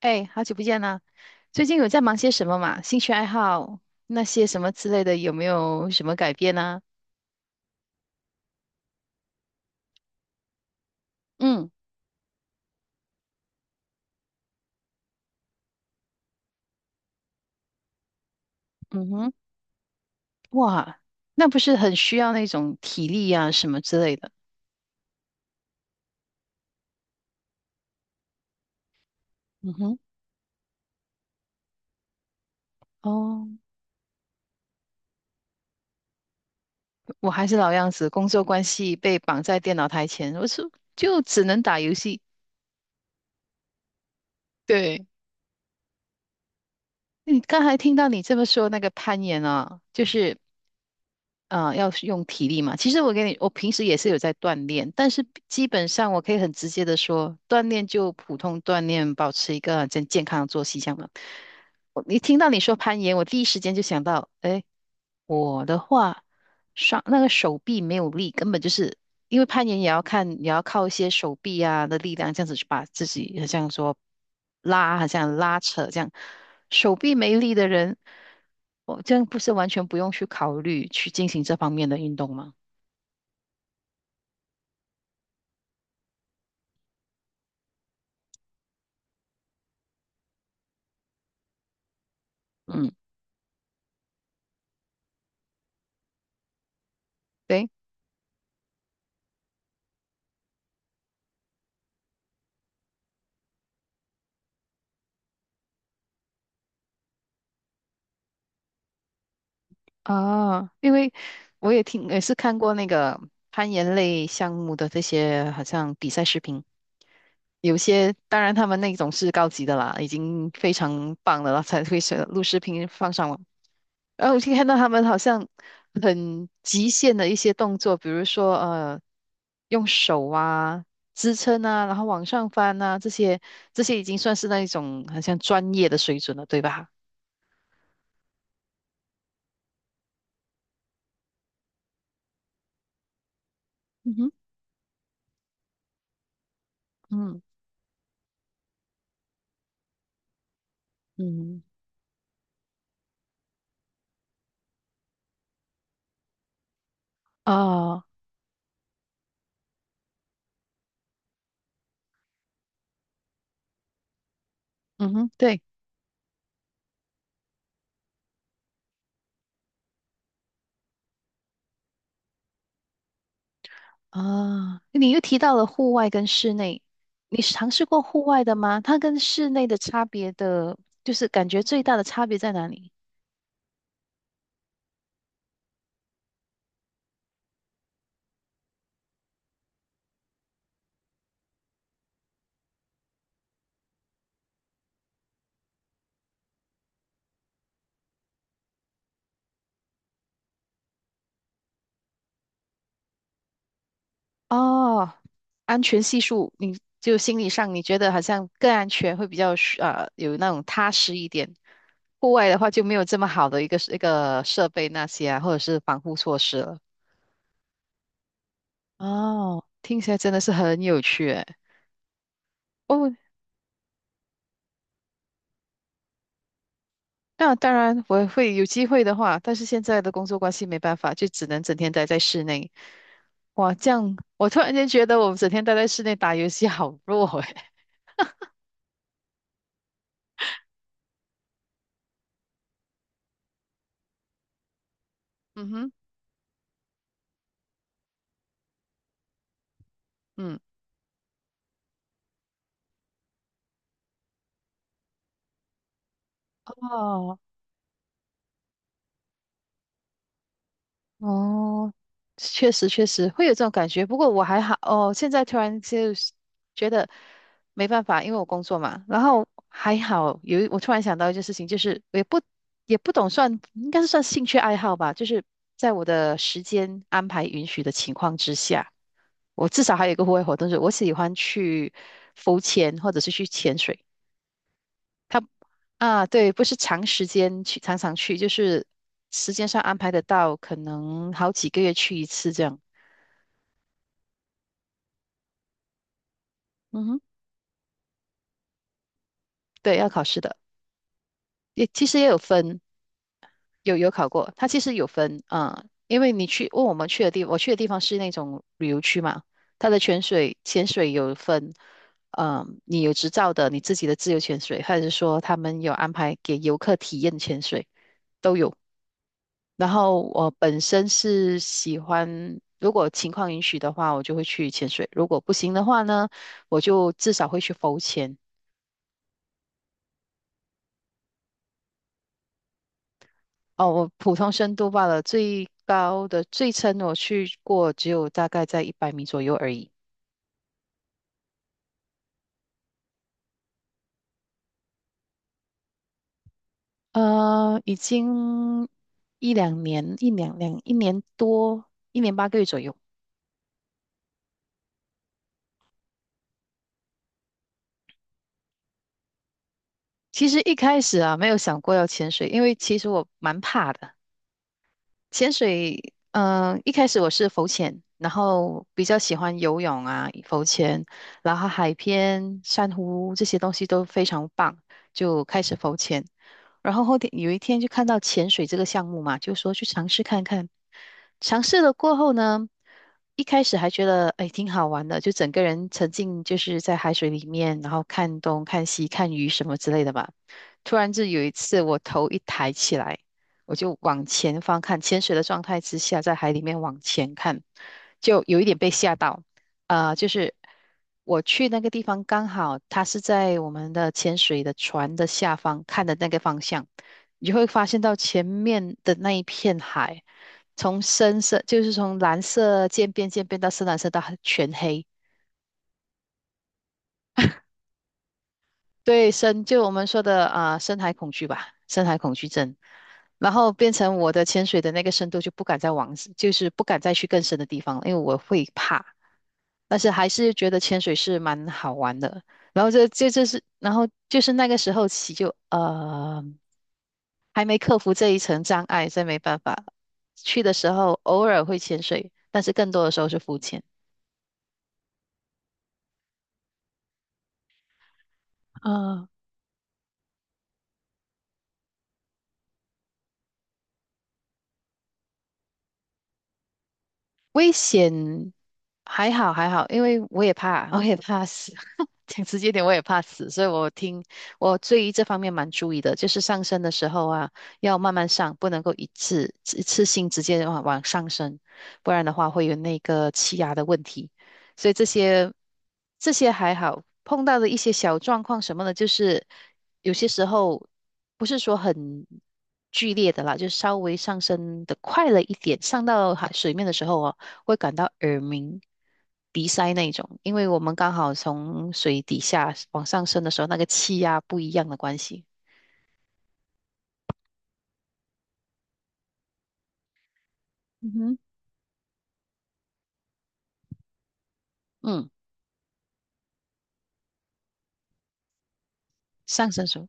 哎，好久不见啦！最近有在忙些什么嘛？兴趣爱好那些什么之类的，有没有什么改变呢？嗯嗯哼，哇，那不是很需要那种体力呀什么之类的？嗯哼，哦，我还是老样子，工作关系被绑在电脑台前，就只能打游戏。对，你刚才听到你这么说那个攀岩啊，就是啊，要是用体力嘛。其实我给你，我平时也是有在锻炼，但是基本上我可以很直接的说，锻炼就普通锻炼，保持一个很健康的作息这样嘛。我一听到你说攀岩，我第一时间就想到，哎，我的话，上那个手臂没有力，根本就是因为攀岩也要看，也要靠一些手臂啊的力量，这样子去把自己好像说拉，好像拉扯这样。手臂没力的人，我这样不是完全不用去考虑去进行这方面的运动吗？嗯，对。啊，因为我也听，也是看过那个攀岩类项目的这些好像比赛视频，有些当然他们那种是高级的啦，已经非常棒的了，才会选录视频放上网。然后我就看到他们好像很极限的一些动作，比如说用手啊支撑啊，然后往上翻啊，这些已经算是那一种好像专业的水准了，对吧？嗯哼，嗯嗯，啊，嗯哼，对。啊，你又提到了户外跟室内，你是尝试过户外的吗？它跟室内的差别的，就是感觉最大的差别在哪里？哦，安全系数，你就心理上你觉得好像更安全，会比较有那种踏实一点。户外的话就没有这么好的一个设备那些啊，或者是防护措施了。哦，听起来真的是很有趣诶。哦，那当然，我会有机会的话，但是现在的工作关系没办法，就只能整天待在室内。哇，这样我突然间觉得我们整天待在室内打游戏好弱诶。嗯哼，嗯，哦哦，确实确实会有这种感觉，不过我还好哦。现在突然就是觉得没办法，因为我工作嘛，然后还好我突然想到一件事情，就是我也不懂算，应该是算兴趣爱好吧，就是在我的时间安排允许的情况之下，我至少还有一个户外活动，就是我喜欢去浮潜或者是去潜水。他啊，对，不是长时间去，常常去，就是时间上安排得到，可能好几个月去一次这样。嗯哼，对，要考试的，其实也有分，有考过，它其实有分啊，因为你去，问我们去的地，我去的地方是那种旅游区嘛，它的潜水有分，嗯、你有执照的，你自己的自由潜水，还是说他们有安排给游客体验潜水，都有。然后我本身是喜欢，如果情况允许的话，我就会去潜水；如果不行的话呢，我就至少会去浮潜。哦，我普通深度罢了，最高的最深我去过只有大概在一百米左右而已。已经一两年，一两两一年多，1年8个月左右。其实一开始啊，没有想过要潜水，因为其实我蛮怕的。潜水，嗯、一开始我是浮潜，然后比较喜欢游泳啊，浮潜，然后海边、珊瑚这些东西都非常棒，就开始浮潜。然后后天有一天就看到潜水这个项目嘛，就说去尝试看看。尝试了过后呢，一开始还觉得哎挺好玩的，就整个人沉浸就是在海水里面，然后看东看西看鱼什么之类的吧。突然就有一次我头一抬起来，我就往前方看，潜水的状态之下在海里面往前看，就有一点被吓到。就是我去那个地方，刚好它是在我们的潜水的船的下方看的那个方向，你就会发现到前面的那一片海，从深色就是从蓝色渐变到深蓝色到全黑，对，深就我们说的啊、深海恐惧吧，深海恐惧症，然后变成我的潜水的那个深度就不敢再往，就是不敢再去更深的地方了因为我会怕。但是还是觉得潜水是蛮好玩的。然后这就是，然后就是那个时候起就还没克服这一层障碍，所以没办法。去的时候偶尔会潜水，但是更多的时候是浮潜。啊。危险还好还好，因为我也怕，我也怕死。讲直接点，我也怕死，所以我对于这方面蛮注意的，就是上升的时候啊，要慢慢上，不能够一次性直接往上升，不然的话会有那个气压的问题。所以这些还好，碰到的一些小状况什么的，就是有些时候不是说很剧烈的啦，就稍微上升的快了一点，上到海水面的时候哦。会感到耳鸣、鼻塞那种，因为我们刚好从水底下往上升的时候，那个气压不一样的关系。嗯哼，嗯，上升速，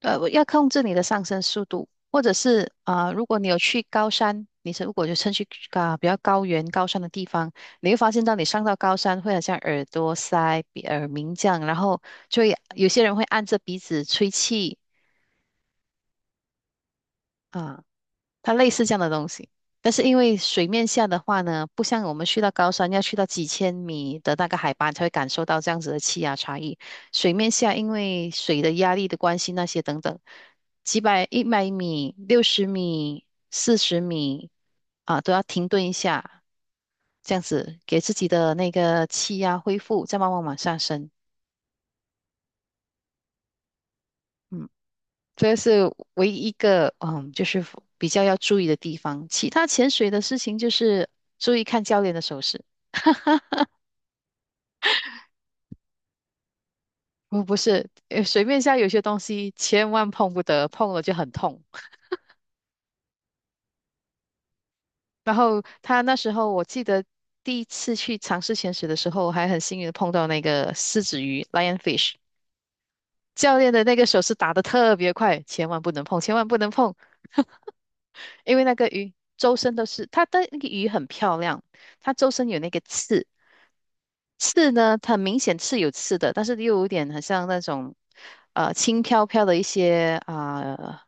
呃，我要控制你的上升速度，或者是啊、如果你有去高山，你是如果就趁去啊、比较高原、高山的地方，你会发现到你上到高山会很像耳朵塞、鼻耳鸣这样，然后就会有些人会按着鼻子吹气啊、它类似这样的东西。但是因为水面下的话呢，不像我们去到高山要去到几千米的那个海拔才会感受到这样子的气压差异。水面下因为水的压力的关系，那些等等，几百、一百米、60米、40米啊，都要停顿一下，这样子给自己的那个气压恢复，再慢慢往上升。嗯。这是唯一一个就是比较要注意的地方。其他潜水的事情就是注意看教练的手势，不是，水面下有些东西千万碰不得，碰了就很痛。然后他那时候我记得第一次去尝试潜水的时候，还很幸运的碰到那个狮子鱼 （lionfish），教练的那个手势打得特别快，千万不能碰，千万不能碰，因为那个鱼周身都是，它的那个鱼很漂亮，它周身有那个刺。刺呢，它明显刺有刺的，但是又有点很像那种，轻飘飘的一些啊、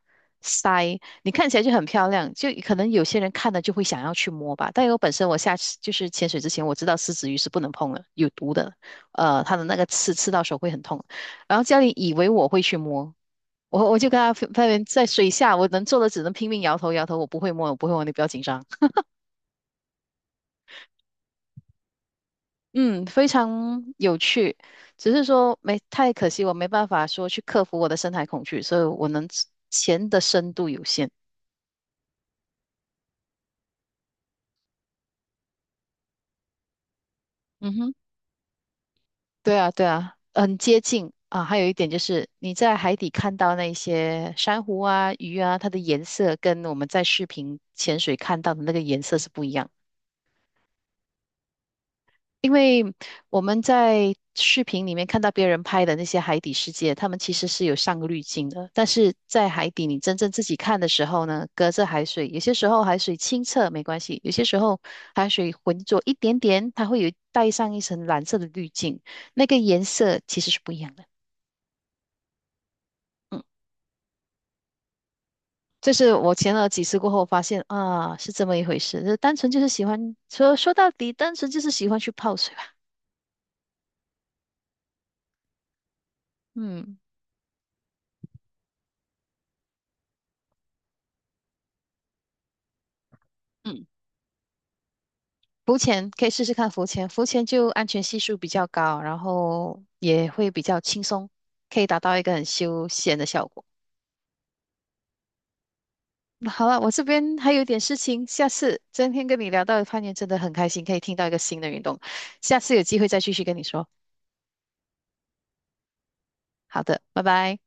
腮，你看起来就很漂亮，就可能有些人看了就会想要去摸吧。但我本身我下次就是潜水之前，我知道狮子鱼是不能碰的，有毒的，它的那个刺刺到手会很痛。然后教练以为我会去摸，我就跟他分别在水下，我能做的只能拼命摇头摇头，我不会摸，我不会摸，你不要紧张。嗯，非常有趣，只是说没太可惜，我没办法说去克服我的深海恐惧，所以我能潜的深度有限。嗯哼，对啊，对啊，很接近啊。还有一点就是你在海底看到那些珊瑚啊、鱼啊，它的颜色跟我们在视频潜水看到的那个颜色是不一样的。因为我们在视频里面看到别人拍的那些海底世界，他们其实是有上个滤镜的。但是在海底，你真正自己看的时候呢，隔着海水，有些时候海水清澈没关系，有些时候海水浑浊一点点，它会有带上一层蓝色的滤镜，那个颜色其实是不一样的。嗯，这是我前了几次过后发现啊，是这么一回事。就单纯就是喜欢，说到底，单纯就是喜欢去泡水吧。嗯嗯。浮潜可以试试看浮潜，浮潜就安全系数比较高，然后也会比较轻松，可以达到一个很休闲的效果。好了，我这边还有点事情，下次今天跟你聊到攀岩真的很开心，可以听到一个新的运动，下次有机会再继续跟你说。好的，拜拜。